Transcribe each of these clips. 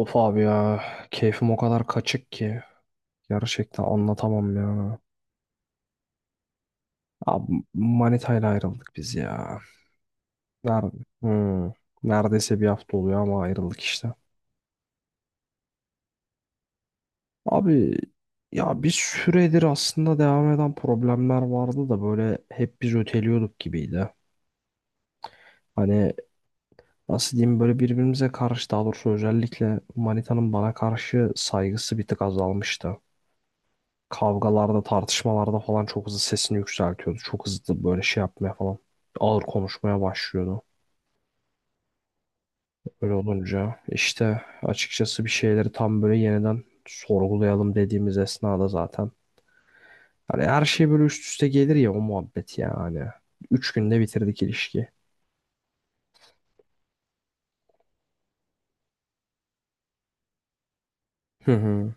Of abi ya, keyfim o kadar kaçık ki gerçekten anlatamam ya. Abi manitayla ayrıldık biz ya. Nerede? Neredeyse bir hafta oluyor ama ayrıldık işte. Abi ya, bir süredir aslında devam eden problemler vardı da böyle hep biz öteliyorduk gibiydi. Hani nasıl diyeyim, böyle birbirimize karşı, daha doğrusu özellikle manitanın bana karşı saygısı bir tık azalmıştı. Kavgalarda, tartışmalarda falan çok hızlı sesini yükseltiyordu. Çok hızlı böyle şey yapmaya falan. Ağır konuşmaya başlıyordu. Öyle olunca işte açıkçası bir şeyleri tam böyle yeniden sorgulayalım dediğimiz esnada zaten. Hani her şey böyle üst üste gelir ya, o muhabbet yani. 3 günde bitirdik ilişki. Hı hı.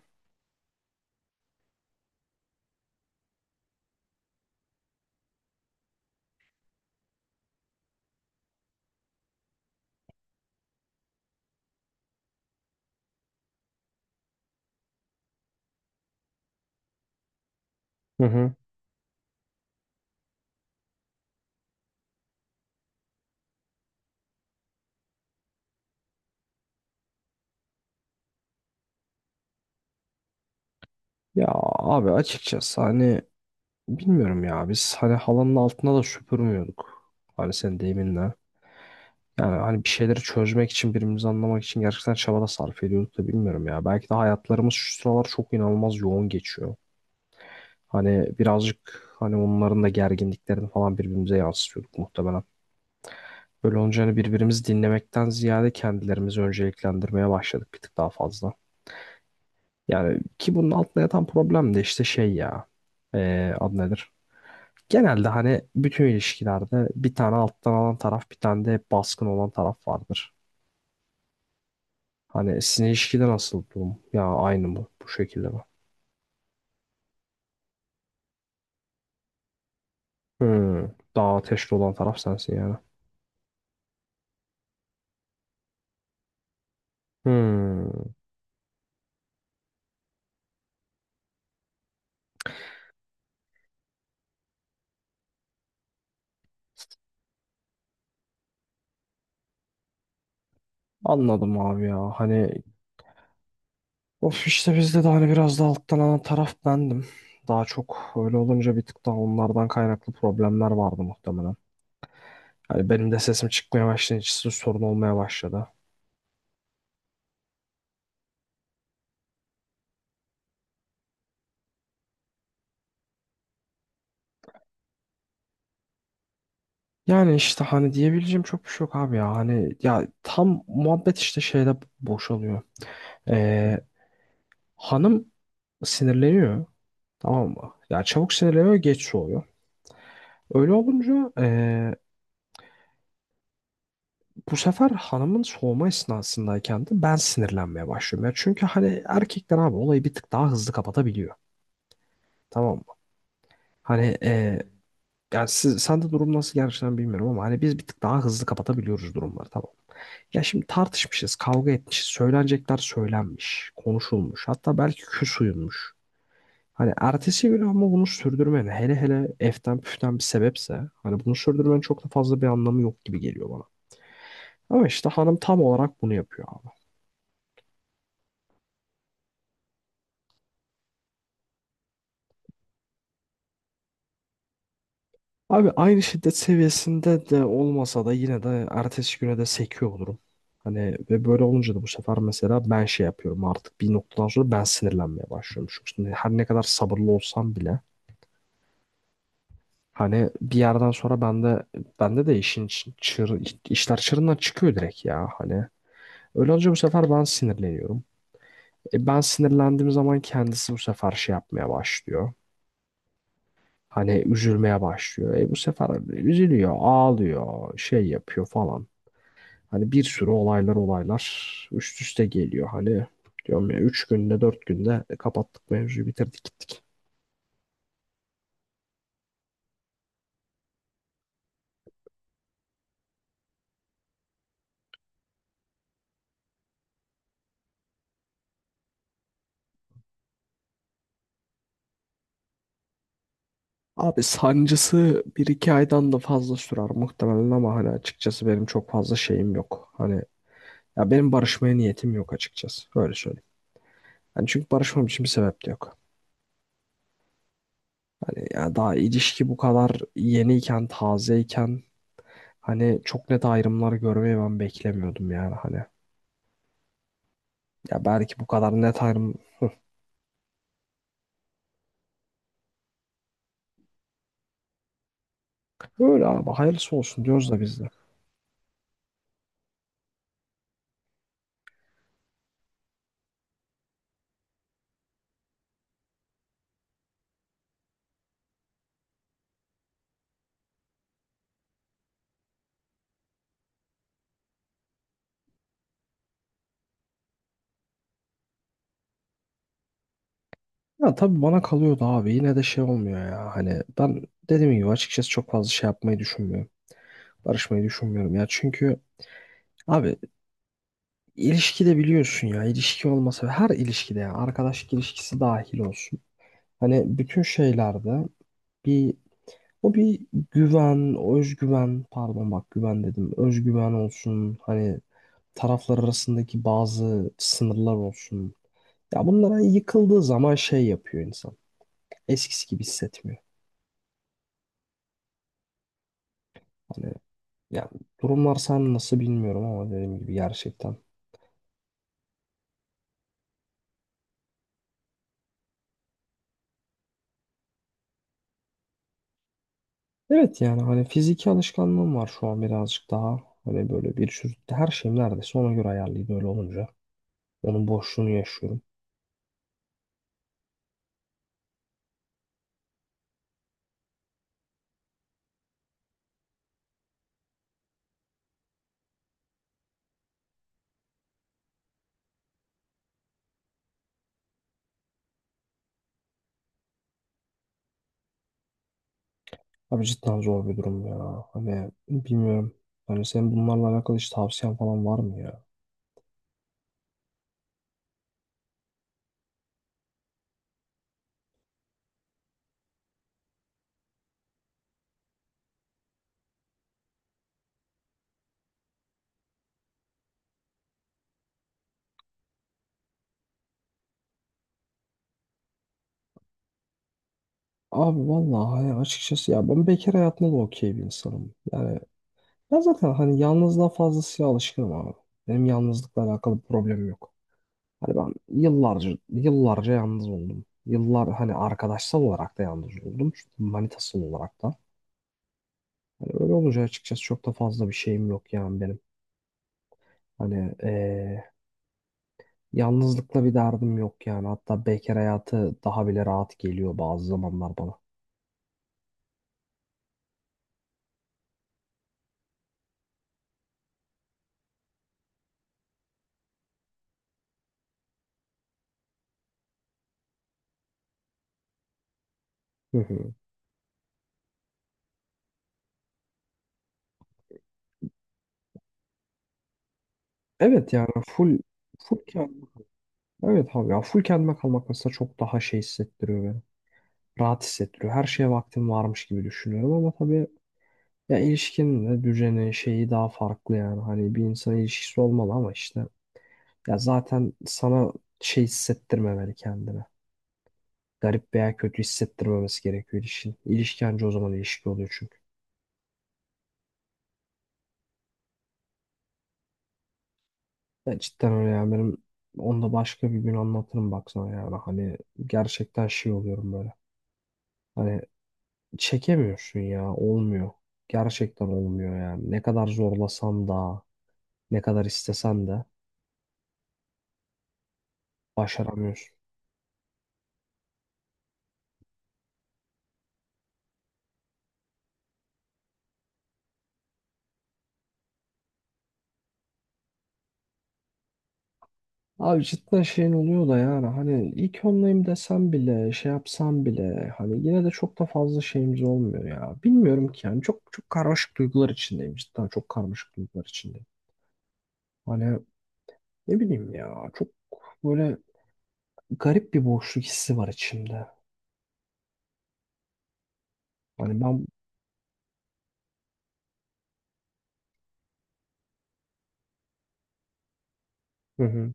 Hı hı. Ya abi, açıkçası hani bilmiyorum ya, biz hani halanın altına da süpürmüyorduk. Hani sen deyiminle. Yani hani bir şeyleri çözmek için, birbirimizi anlamak için gerçekten çaba da sarf ediyorduk da bilmiyorum ya. Belki de hayatlarımız şu sıralar çok inanılmaz yoğun geçiyor. Hani birazcık hani onların da gerginliklerini falan birbirimize yansıtıyorduk muhtemelen. Böyle olunca hani birbirimizi dinlemekten ziyade kendilerimizi önceliklendirmeye başladık bir tık daha fazla. Yani ki bunun altında yatan problem de işte şey ya. Adı nedir? Genelde hani bütün ilişkilerde bir tane alttan alan taraf, bir tane de baskın olan taraf vardır. Hani sizin ilişkide nasıl durum? Ya aynı mı? Bu şekilde mi? Hmm. Daha ateşli olan taraf sensin yani. Hmm. Anladım abi ya. Hani of, işte bizde de hani biraz da alttan alan taraf bendim. Daha çok öyle olunca bir tık daha onlardan kaynaklı problemler vardı muhtemelen. Hani benim de sesim çıkmaya başlayınca sizin sorun olmaya başladı. Yani işte hani diyebileceğim çok bir şey yok abi ya. Hani ya tam muhabbet işte şeyde boşalıyor. Ee, hanım sinirleniyor. Tamam mı? Yani çabuk sinirleniyor, geç soğuyor. Öyle olunca bu sefer hanımın soğuma esnasındayken de ben sinirlenmeye başlıyorum. Ya çünkü hani erkekler abi olayı bir tık daha hızlı kapatabiliyor. Tamam mı? Hani yani sende durum nasıl gerçekten bilmiyorum, ama hani biz bir tık daha hızlı kapatabiliyoruz durumları, tamam mı? Ya şimdi tartışmışız, kavga etmişiz, söylenecekler söylenmiş, konuşulmuş. Hatta belki küs uyunmuş. Hani ertesi gün ama bunu sürdürmen, hele hele eften püften bir sebepse, hani bunu sürdürmenin çok da fazla bir anlamı yok gibi geliyor bana. Ama işte hanım tam olarak bunu yapıyor abi. Abi aynı şiddet seviyesinde de olmasa da yine de ertesi güne de sekiyor olurum. Hani ve böyle olunca da bu sefer mesela ben şey yapıyorum, artık bir noktadan sonra ben sinirlenmeye başlıyorum. Çünkü her ne kadar sabırlı olsam bile hani bir yerden sonra bende, bende de işin çır, işler çığırından çıkıyor direkt ya hani. Öyle olunca bu sefer ben sinirleniyorum. Ben sinirlendiğim zaman kendisi bu sefer şey yapmaya başlıyor. Hani üzülmeye başlıyor. Bu sefer üzülüyor, ağlıyor, şey yapıyor falan. Hani bir sürü olaylar üst üste geliyor. Hani diyorum ya, 3 günde 4 günde kapattık mevzuyu, bitirdik gittik. Abi sancısı bir iki aydan da fazla sürer muhtemelen, ama hani açıkçası benim çok fazla şeyim yok. Hani ya benim barışmaya niyetim yok açıkçası. Öyle söyleyeyim. Hani çünkü barışmam için bir sebep de yok. Ya daha ilişki bu kadar yeniyken, tazeyken, hani çok net ayrımlar görmeyi ben beklemiyordum yani hani. Ya belki bu kadar net ayrım, öyle abi, hayırlısı olsun diyoruz da biz de. Ya tabii bana kalıyordu abi, yine de şey olmuyor ya, hani ben dediğim gibi açıkçası çok fazla şey yapmayı düşünmüyorum. Barışmayı düşünmüyorum ya çünkü abi, ilişkide biliyorsun ya, ilişki olmasa her ilişkide, yani arkadaşlık ilişkisi dahil olsun. Hani bütün şeylerde bir, o bir güven, özgüven, pardon bak güven dedim. Özgüven olsun, hani taraflar arasındaki bazı sınırlar olsun. Ya bunlara yıkıldığı zaman şey yapıyor insan. Eskisi gibi hissetmiyor. Hani yani, durumlar sen nasıl bilmiyorum ama dediğim gibi gerçekten. Evet yani hani fiziki alışkanlığım var şu an birazcık daha. Hani böyle bir sürü, her şeyim neredeyse ona göre ayarlıydı, öyle olunca. Onun boşluğunu yaşıyorum. Abi cidden zor bir durum ya. Hani bilmiyorum. Hani senin bunlarla alakalı hiç tavsiyen falan var mı ya? Abi vallahi hani açıkçası ya, ben bekar hayatında da okey bir insanım. Yani ben zaten hani yalnızlığa fazlasıyla alışkınım abi. Benim yalnızlıkla alakalı bir problemim yok. Hani ben yıllarca yıllarca yalnız oldum. Yıllar, hani arkadaşsal olarak da yalnız oldum. Çünkü manitasal olarak da. Hani öyle olunca açıkçası çok da fazla bir şeyim yok yani benim. Hani yalnızlıkla bir derdim yok yani. Hatta bekar hayatı daha bile rahat geliyor bazı zamanlar bana. Hı hı. Evet yani full kendim. Evet abi ya, full kendime kalmak mesela çok daha şey hissettiriyor beni. Rahat hissettiriyor. Her şeye vaktim varmış gibi düşünüyorum, ama tabii ya ilişkinin de düzeni şeyi daha farklı yani. Hani bir insan ilişkisi olmalı ama işte, ya zaten sana şey hissettirmemeli kendine, garip veya kötü hissettirmemesi gerekiyor ilişkin. İlişki anca o zaman ilişki oluyor çünkü. Ya cidden öyle yani, benim onu da başka bir gün anlatırım, baksana yani hani gerçekten şey oluyorum böyle. Hani çekemiyorsun ya, olmuyor. Gerçekten olmuyor yani. Ne kadar zorlasan da, ne kadar istesen de başaramıyorsun. Abi cidden şeyin oluyor da yani hani ilk onlayım desem bile, şey yapsam bile hani yine de çok da fazla şeyimiz olmuyor ya. Bilmiyorum ki yani, çok çok karmaşık duygular içindeyim, cidden çok karmaşık duygular içindeyim. Hani ne bileyim ya, çok böyle garip bir boşluk hissi var içimde. Hani ben, hı hı.